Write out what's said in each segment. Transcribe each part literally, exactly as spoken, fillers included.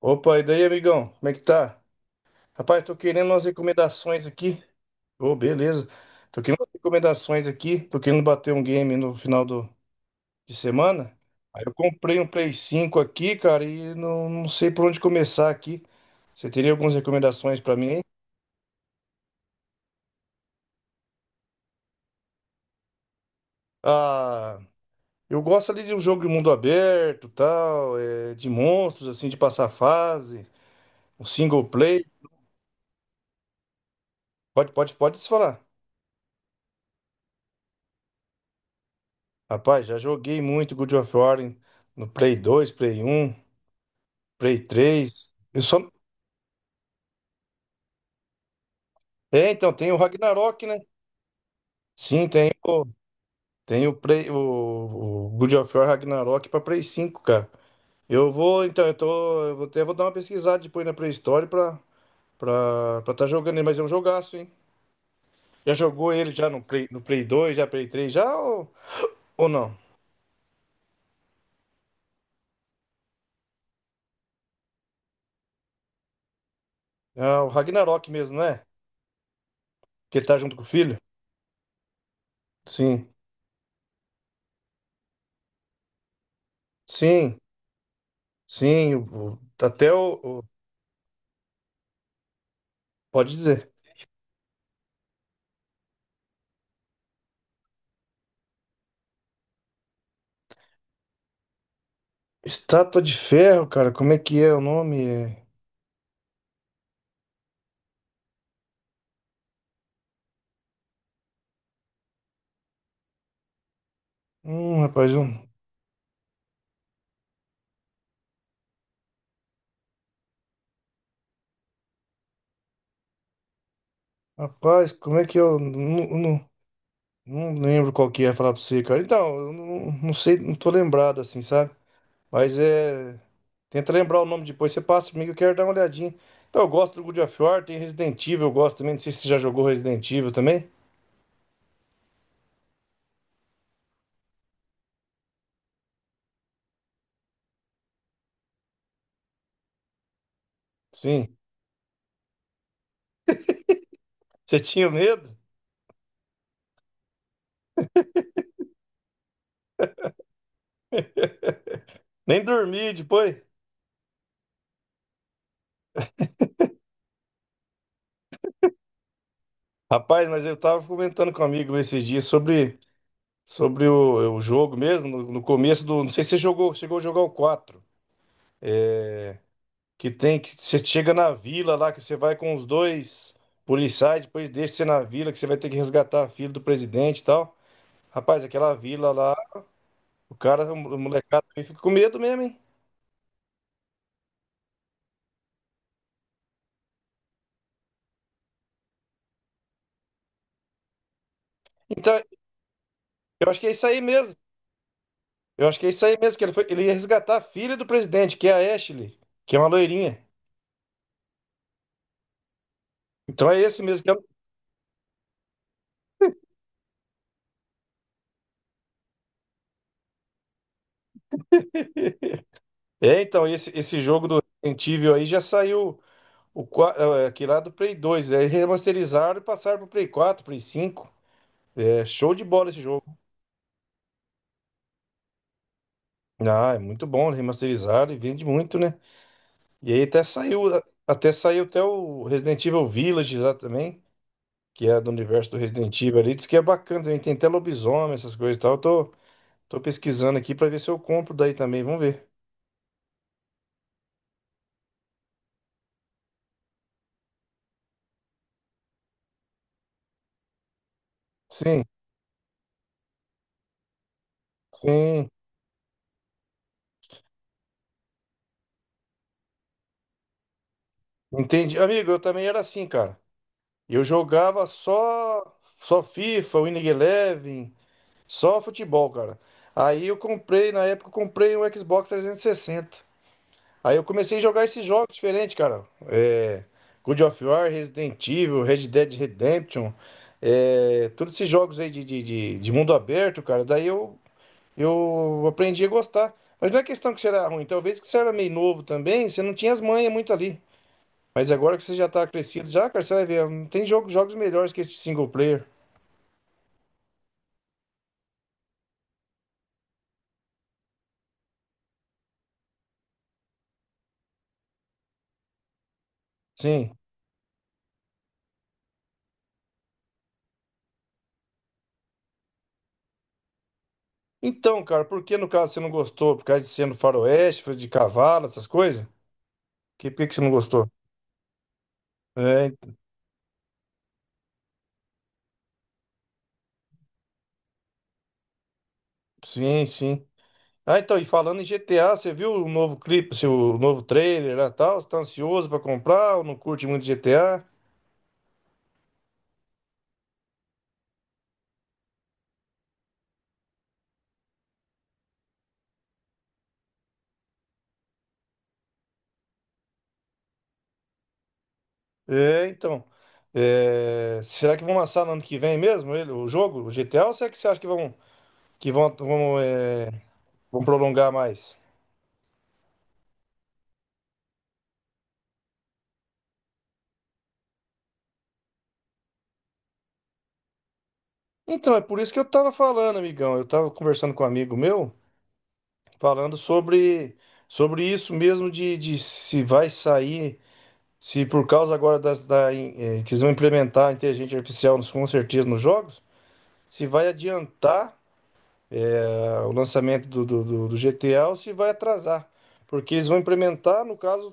Opa, e daí, amigão? Como é que tá? Rapaz, tô querendo umas recomendações aqui. Ô, beleza. Tô querendo umas recomendações aqui. Tô querendo bater um game no final do, de semana. Aí eu comprei um Play cinco aqui, cara, e não, não sei por onde começar aqui. Você teria algumas recomendações pra mim aí? Ah, eu gosto ali de um jogo de mundo aberto, tal, é, de monstros, assim, de passar fase, um single play. Pode, pode, pode se falar. Rapaz, já joguei muito God of War em- no Play dois, Play um. Prey três, eu só... É, então, tem o Ragnarok, né? Sim, tem o, tem o, Prey, o, o God of War Ragnarok pra Play cinco, cara. Eu vou, então, eu tô, eu vou até vou dar uma pesquisada depois na pré-história pra, pra, pra tá jogando ele, mas é um jogaço, hein? Já jogou ele já no Play, no Play dois, já Play três, já ou, ou não? É o Ragnarok mesmo, né? Que ele tá junto com o filho? Sim, sim, sim, o- o- até o, o- pode dizer. Estátua de Ferro, cara, como é que é o nome? É, hum, rapaz, eu- rapaz, como é que eu não, não, não lembro qual que é falar pra você, cara. Então, eu não, não sei, não tô lembrado assim, sabe? Mas é. Tenta lembrar o nome depois, você passa comigo, eu quero dar uma olhadinha. Então, eu gosto do God of War, tem Resident Evil, eu gosto também. Não sei se você já jogou Resident Evil também. Sim. Você tinha medo? Nem dormi depois. Rapaz, mas eu tava comentando com um amigo esses dias sobre, sobre o, o jogo mesmo, no, no começo do. Não sei se você jogou, chegou a jogar o quatro. É, que tem que você chega na vila lá, que você vai com os dois policiais, depois deixa você na vila, que você vai ter que resgatar a filha do presidente e tal. Rapaz, aquela vila lá, o cara, o molecada também fica com medo mesmo, hein? Então, eu acho que é isso aí mesmo. Eu acho que é isso aí mesmo, que ele foi, ele ia resgatar a filha do presidente, que é a Ashley, que é uma loirinha. Então é esse mesmo que é. É, então, esse, esse jogo do Resident Evil aí já saiu o, qua- eh, aquele lá do Play dois. Aí remasterizaram e passaram pro Play quatro, Play cinco. É show de bola esse jogo. Ah, é muito bom, remasterizaram e vende muito, né? E aí até saiu, até saiu até o Resident Evil Village lá também, que é do universo do Resident Evil ali, diz que é bacana também, tem até lobisomem, essas coisas e tal. Eu tô, tô pesquisando aqui pra ver se eu compro daí também, vamos ver. Sim, sim, entendi. Amigo, eu também era assim, cara. Eu jogava só só FIFA, Winning Eleven, só futebol, cara. Aí eu comprei, na época eu comprei um Xbox trezentos e sessenta. Aí eu comecei a jogar esses jogos diferentes, cara. É, God of War, Resident Evil, Red Dead Redemption, é, todos esses jogos aí de, de, de, de mundo aberto, cara. Daí eu, eu aprendi a gostar. Mas não é questão que você era ruim, talvez que você era meio novo também, você não tinha as manhas muito ali. Mas agora que você já tá crescido, já, cara, você vai ver, não tem jogo, jogos melhores que esse single player. Sim. Então, cara, por que no caso você não gostou? Por causa de ser no faroeste, de cavalo, essas coisas? Que, por que que você não gostou? É, sim, sim. Ah, então, e falando em G T A, você viu o novo clipe, assim, o novo trailer lá e tal? Você tá ansioso pra comprar ou não curte muito G T A? É, então. É, será que vão lançar no ano que vem mesmo ele, o jogo, o G T A, ou será que você acha que vão, que vão, vão, é, vão prolongar mais? Então, é por isso que eu tava falando, amigão. Eu tava conversando com um amigo meu, falando sobre, sobre isso mesmo de, de se vai sair, se por causa agora das, da, in- eh, que eles vão implementar a inteligência artificial, com certeza, nos jogos. Se vai adiantar ah, o lançamento do, do, do- do G T A ou se vai atrasar. Porque eles vão implementar, no caso,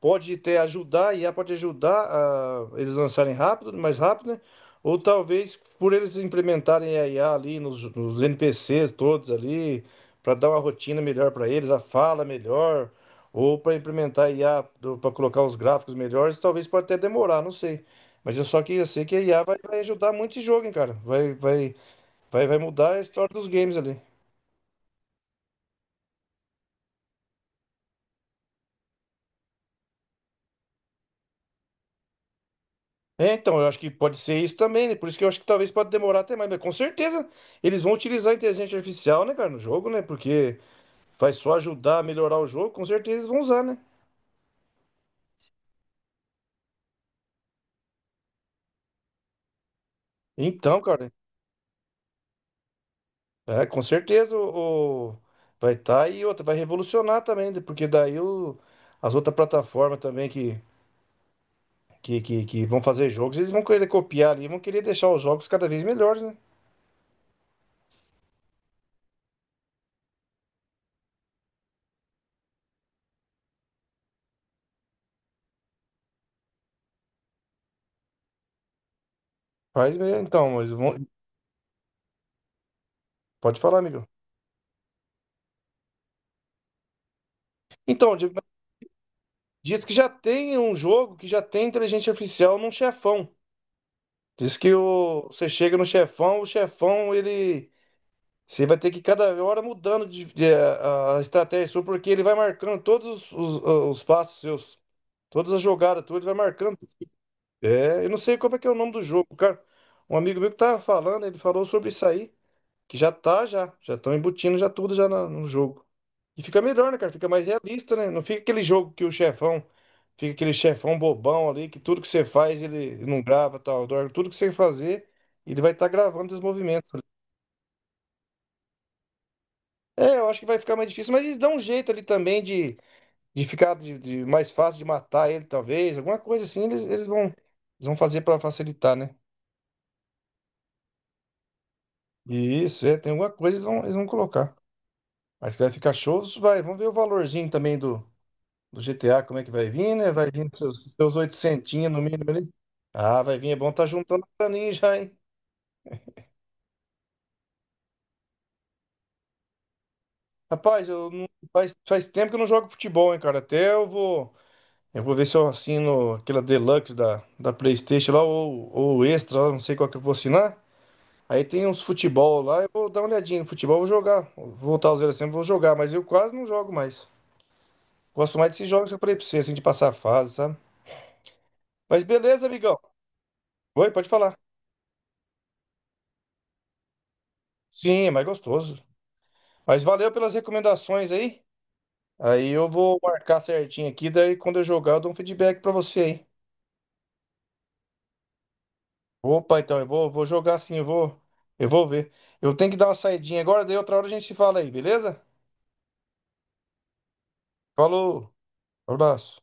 pode até ajudar, a I A pode ajudar a eles lançarem rápido, mais rápido, né? Ou talvez por eles implementarem a I A ali nos, nos N P Cs todos ali, para dar uma rotina melhor para eles, a fala melhor, ou para implementar a I A para colocar os gráficos melhores, talvez pode até demorar, não sei. Mas eu só queria sei que a I A vai, vai ajudar muito esse jogo, hein, cara. Vai, vai, Vai, vai mudar a história dos games ali. É, então, eu acho que pode ser isso também, né? Por isso que eu acho que talvez pode demorar até mais, mas com certeza eles vão utilizar a inteligência artificial, né, cara, no jogo, né? Porque vai só ajudar a melhorar o jogo, com certeza eles vão usar, né? Então, cara, é, com certeza o, o- vai estar tá, e outra, vai revolucionar também, né? Porque daí o, as outras plataformas também que, que, que, que vão fazer jogos, eles vão querer copiar ali, vão querer deixar os jogos cada vez melhores, né? Faz mesmo, então, eles vão. Pode falar, amigo. Então, de- diz que já tem um jogo que já tem inteligência artificial num chefão. Diz que o, você chega no chefão, o chefão ele. Você vai ter que cada hora mudando de, de- a, a estratégia sua, porque ele vai marcando todos os, os, os passos seus, todas as jogadas, tudo, ele vai marcando. É, eu não sei como é que é o nome do jogo, cara. Um amigo meu que tava falando, ele falou sobre isso aí. Que já tá, já. Já estão embutindo já tudo já na- no jogo. E fica melhor, né, cara? Fica mais realista, né? Não fica aquele jogo que o chefão. Fica aquele chefão bobão ali, que tudo que você faz ele não grava, tal. Dorme. Tudo que você fazer, ele vai estar gravando os movimentos ali. É, eu acho que vai ficar mais difícil, mas eles dão um jeito ali também de, de ficar de, de- mais fácil de matar ele, talvez. Alguma coisa assim, eles, eles vão, eles vão fazer pra facilitar, né? E isso, é, tem alguma coisa eles vão, eles vão colocar. Mas que vai ficar show, vai. Vamos ver o valorzinho também do. Do G T A, como é que vai vir, né? Vai vir com seus, seus oitocentinhos no mínimo ali. Ah, vai vir, é bom tá juntando pra mim já, hein? Rapaz, eu não, faz, faz tempo que eu não jogo futebol, hein, cara? Até eu vou. Eu vou ver se eu assino aquela Deluxe da, da PlayStation lá, ou, ou Extra, lá, não sei qual que eu vou assinar. Aí tem uns futebol lá, eu vou dar uma olhadinha no futebol, eu vou jogar. Vou voltar aos zero sempre, vou jogar, mas eu quase não jogo mais. Gosto mais desses jogos que eu falei pra você, assim, de passar fase, sabe? Mas beleza, amigão. Oi, pode falar. Sim, é mais gostoso. Mas valeu pelas recomendações aí. Aí eu vou marcar certinho aqui, daí quando eu jogar eu dou um feedback pra você aí. Opa, então eu vou, vou jogar sim, eu vou, eu vou ver. Eu tenho que dar uma saidinha agora, daí outra hora a gente se fala aí, beleza? Falou, abraço.